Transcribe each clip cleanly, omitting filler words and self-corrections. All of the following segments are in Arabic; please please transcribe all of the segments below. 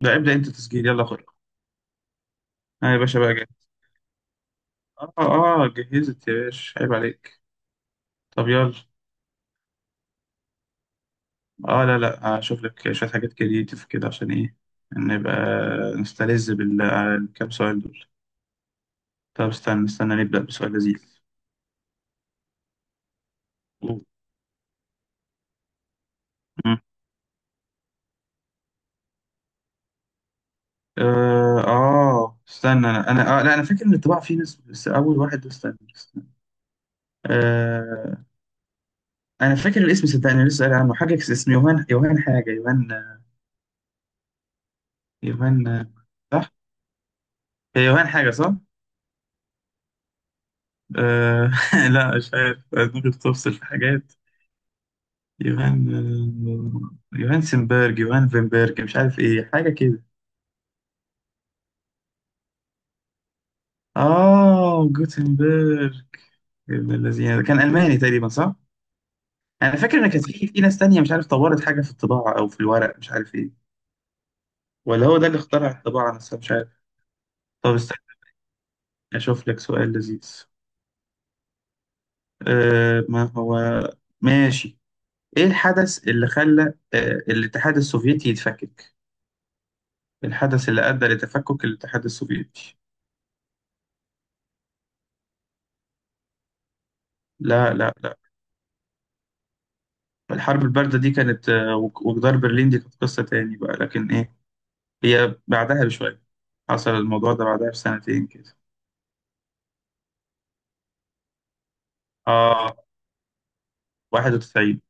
لا، ابدأ انت تسجيل، يلا خد. اه يا باشا، بقى جاهز. اه جهزت يا باشا، عيب عليك. طب يلا. اه، لا، لا، هشوف لك شوية حاجات كريتيف كده عشان ايه. نبقى نستلذ بالكام سؤال دول. طب، استنى استنى نبدأ بسؤال لذيذ. قول. مم. استنى انا لا، انا فاكر ان الطباعة فيه ناس، بس اول واحد ده، استنى استنى. آه. انا فاكر الاسم، صدقني لسه قايل عنه حاجة، اسمه يوهان، يوهان حاجة، يوهان. يوهان، صح؟ هي يوهان حاجة، صح؟ آه. لا، مش عارف، دماغي بتفصل في حاجات. يوهان. يوهان سنبرج، يوهان فينبرج، مش عارف ايه، حاجة كده. اه، جوتنبرج. ابن الذين ده كان ألماني تقريبا، صح؟ أنا فاكر إن كانت في ناس تانية، مش عارف، طورت حاجة في الطباعة أو في الورق، مش عارف إيه. ولا هو ده اللي اخترع الطباعة نفسها، مش عارف. طب استنى، أشوف لك سؤال لذيذ. ما هو. ماشي. إيه الحدث اللي خلى أه الاتحاد السوفيتي يتفكك؟ الحدث اللي أدى لتفكك الاتحاد السوفيتي. لا، لا، لا. الحرب الباردة دي كانت، وجدار برلين دي كانت قصة تاني بقى، لكن إيه، هي بعدها بشوية. حصل الموضوع ده بعدها بسنتين كده. آه، 91.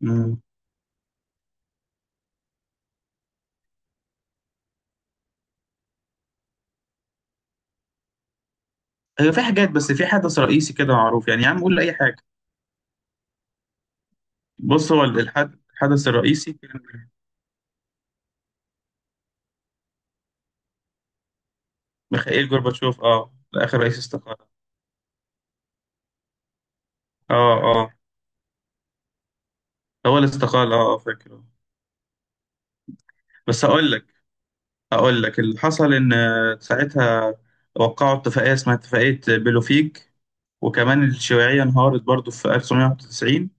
مم. هي في حاجات، بس في حدث رئيسي كده معروف، يعني يا عم قول لي أي حاجة. بص، هو الحدث الرئيسي كان ميخائيل جورباتشوف، ده آخر رئيس استقال. آه، آه. هو اللي استقال، فاكر. بس هقول لك، أقول لك اللي حصل، إن ساعتها وقعوا اتفاقية اسمها اتفاقية بلوفيك. وكمان الشيوعية انهارت برضو في 1991،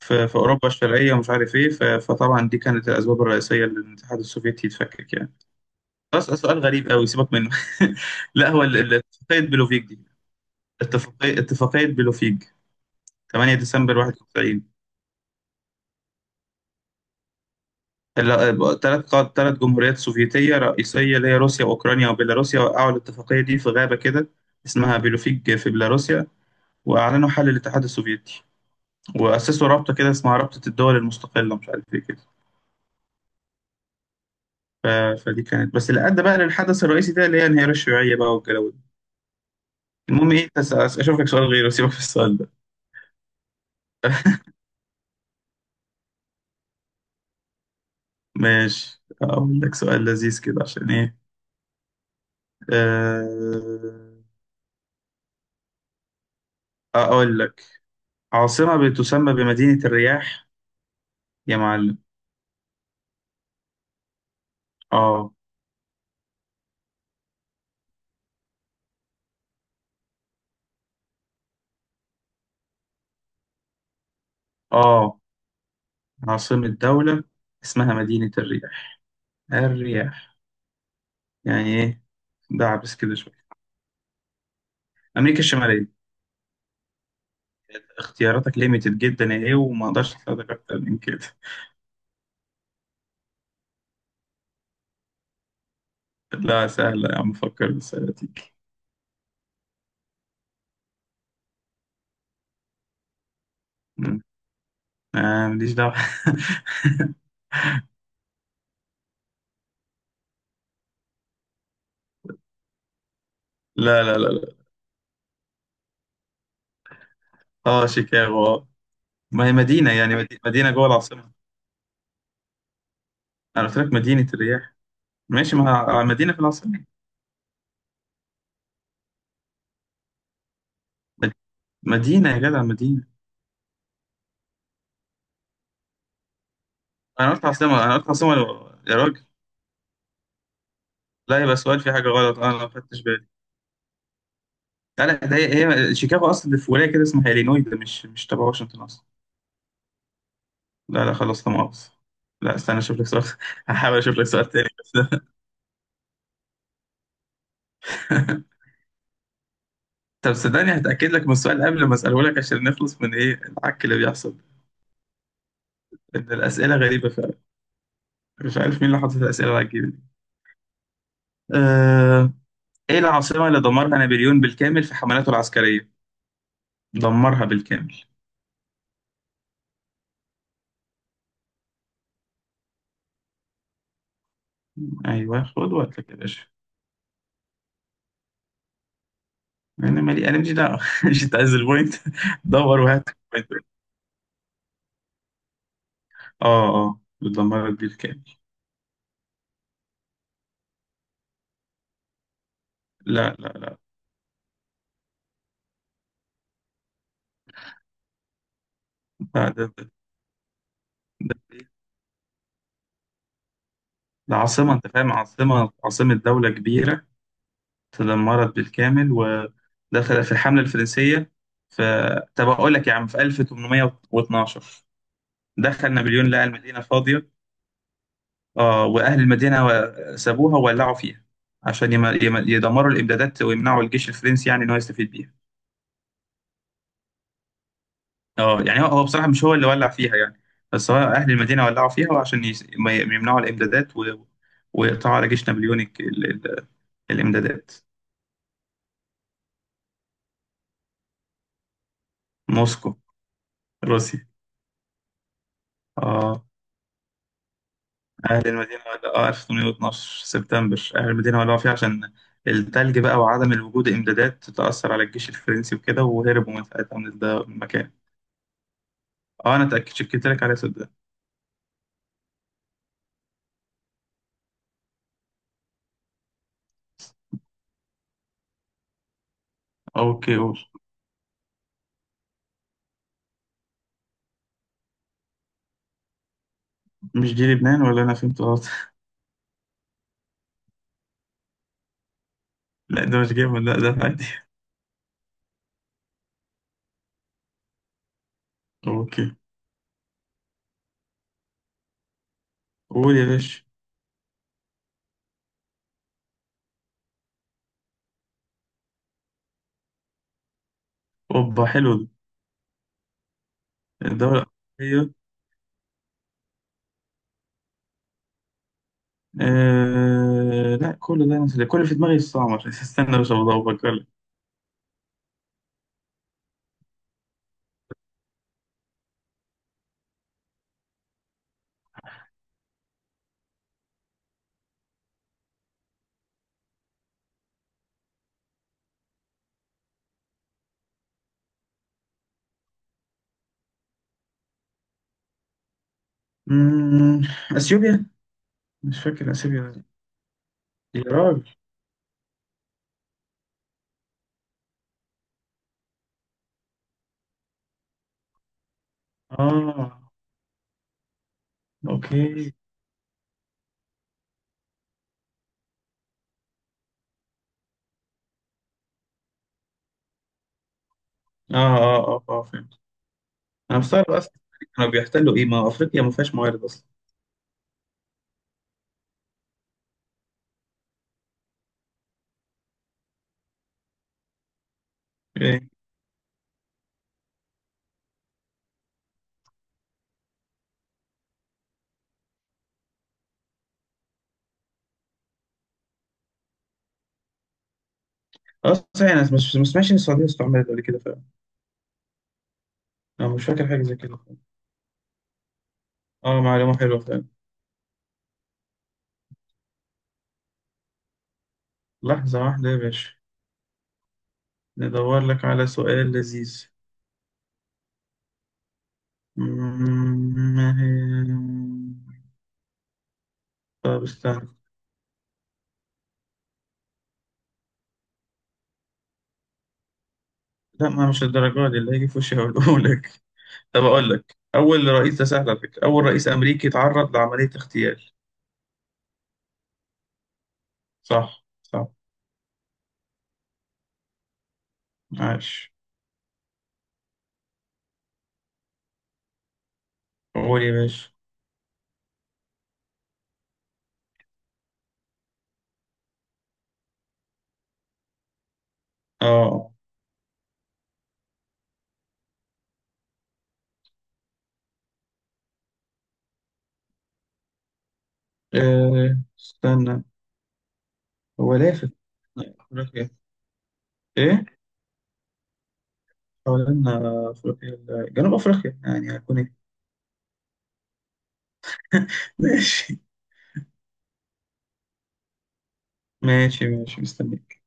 في أوروبا الشرقية، ومش عارف إيه، فطبعا دي كانت الأسباب الرئيسية للاتحاد السوفيتي يتفكك يعني. بس سؤال غريب أوي، سيبك منه. لا، هو اتفاقية بلوفيك دي، اتفاقية بلوفيك، 8 ديسمبر 91. ثلاث ثلاث جمهوريات سوفيتية رئيسية، اللي هي روسيا وأوكرانيا وبيلاروسيا، وقعوا الاتفاقية دي في غابة كده، اسمها بيلوفيج في بيلاروسيا، وأعلنوا حل الاتحاد السوفيتي، وأسسوا رابطة كده اسمها رابطة الدول المستقلة، مش عارف إيه كده. ف... فدي كانت بس اللي أدى بقى للحدث الرئيسي ده، اللي هي انهيار الشيوعية بقى والجو ده. المهم إيه، أشوف لك سؤال غيره، سيبك في السؤال ده. ماشي، أقول لك سؤال لذيذ كده عشان إيه. أه... أقول لك، عاصمة بتسمى بمدينة الرياح، يا معلم. آه. آه، عاصمة دولة، اسمها مدينة الرياح. الرياح، يعني إيه، دعبس كده شوية. أمريكا الشمالية. اختياراتك ليميتد جدا يا إيه، وما أقدرش أساعدك أكتر من كده. لا، سهلة يا عم، فكر بالسهلة تيجي. مم. آه، ماليش دعوة. لا، لا، لا، لا. آه، شيكاغو. ما هي مدينة، يعني مدينة جوه العاصمة. أنا قلت لك مدينة الرياح. ماشي، ما هي مدينة في العاصمة. مد- مدينة يا جدع، مدينة. أنا قلت عاصمة، أنا قلت عاصمة، يا راجل. لا، يبقى سؤال في حاجة غلط، أنا ما خدتش بالي. لا، لا، ده هي شيكاغو، اصلا في ولايه كده اسمها الينوي، ده مش تبع واشنطن اصلا. لا، لا، خلاص، لا مؤاخذة. لا، استنى اشوف لك سؤال. هحاول اشوف لك سؤال تاني بس. طب صدقني، هتاكد لك من السؤال قبل ما اساله لك، عشان نخلص من ايه العك اللي بيحصل. ان الاسئله غريبه فعلا، مش عارف مين اللي حاطط الاسئله العجيبه دي. أه... ايه العاصمه اللي دمرها نابليون بالكامل في حملاته العسكريه؟ دمرها بالكامل. ايوه، خد وقتك يا باشا. انا مالي، انا مش دعوه. مش عايز البوينت. دور وهات. اه بتدمرك بالكامل. لا، لا، لا، ده, ده عاصمة، انت فاهم، عاصمة دولة كبيرة، تدمرت بالكامل، ودخل في الحملة الفرنسية. ف طب اقول لك يا عم، في 1812 دخل نابليون، لقى المدينة فاضية. اه، واهل المدينة سابوها وولعوا فيها، عشان يدمروا الامدادات ويمنعوا الجيش الفرنسي، يعني ان هو يستفيد بيها. اه، يعني هو بصراحة مش هو اللي ولع فيها يعني، بس هو أهل المدينة ولعوا فيها، وعشان ما يمنعوا الإمدادات ويقطعوا على جيش نابليون ال... الإمدادات. موسكو، روسيا. اه. أهل المدينة ولعوا، 1812 سبتمبر، أهل المدينة ولعوا فيها عشان التلج بقى، وعدم الوجود إمدادات تأثر على الجيش الفرنسي وكده، وهربوا من ساعتها، من ده من المكان. اه، أنا اتأكد، شكيت لك عليها صدق. اوكي، قول. مش دي لبنان، ولا أنا فهمت غلط؟ لا، ده مش جبنة، لا ده عادي. اوكي. قول يا باشا. اوبا، حلو ده. الدولة الأوروبية. لا، كل ده أنا كل اللي في دماغي الصعب. عشان استنى بس، أبغى أفكر لك. مم، أثيوبيا، مش فاكر أثيوبيا ولا لأ. يا راجل. آه. أوكي. آه، آه، آه، آه، فهمت. أنا مستغرب أصلا، كانوا بيحتلوا إيه، ما أفريقيا ما فيهاش موارد أصلا. إيه. أصلا أنا مش سمعتش إن السعودية استعملت قبل كده فعلا. أنا مش فاكر حاجة زي كده. آه، معلومة حلوة فعلا. لحظة واحدة يا باشا، ندور لك على سؤال لذيذ. ما هي، طب استنى. لا، ما مش الدرجة دي اللي هيجي في وشي هقوله لك. طب أقول لك، أول رئيس، ده سهل على فكرة، أول رئيس أمريكي تعرض لعملية اغتيال. صح، صح. عاش. قول يا باشا. آه، آه، استنى. هو لافت. أفريقيا. إيه؟ حوالين أفريقيا، جنوب أفريقيا، يعني هكون إيه. ماشي. ماشي، ماشي، مستني.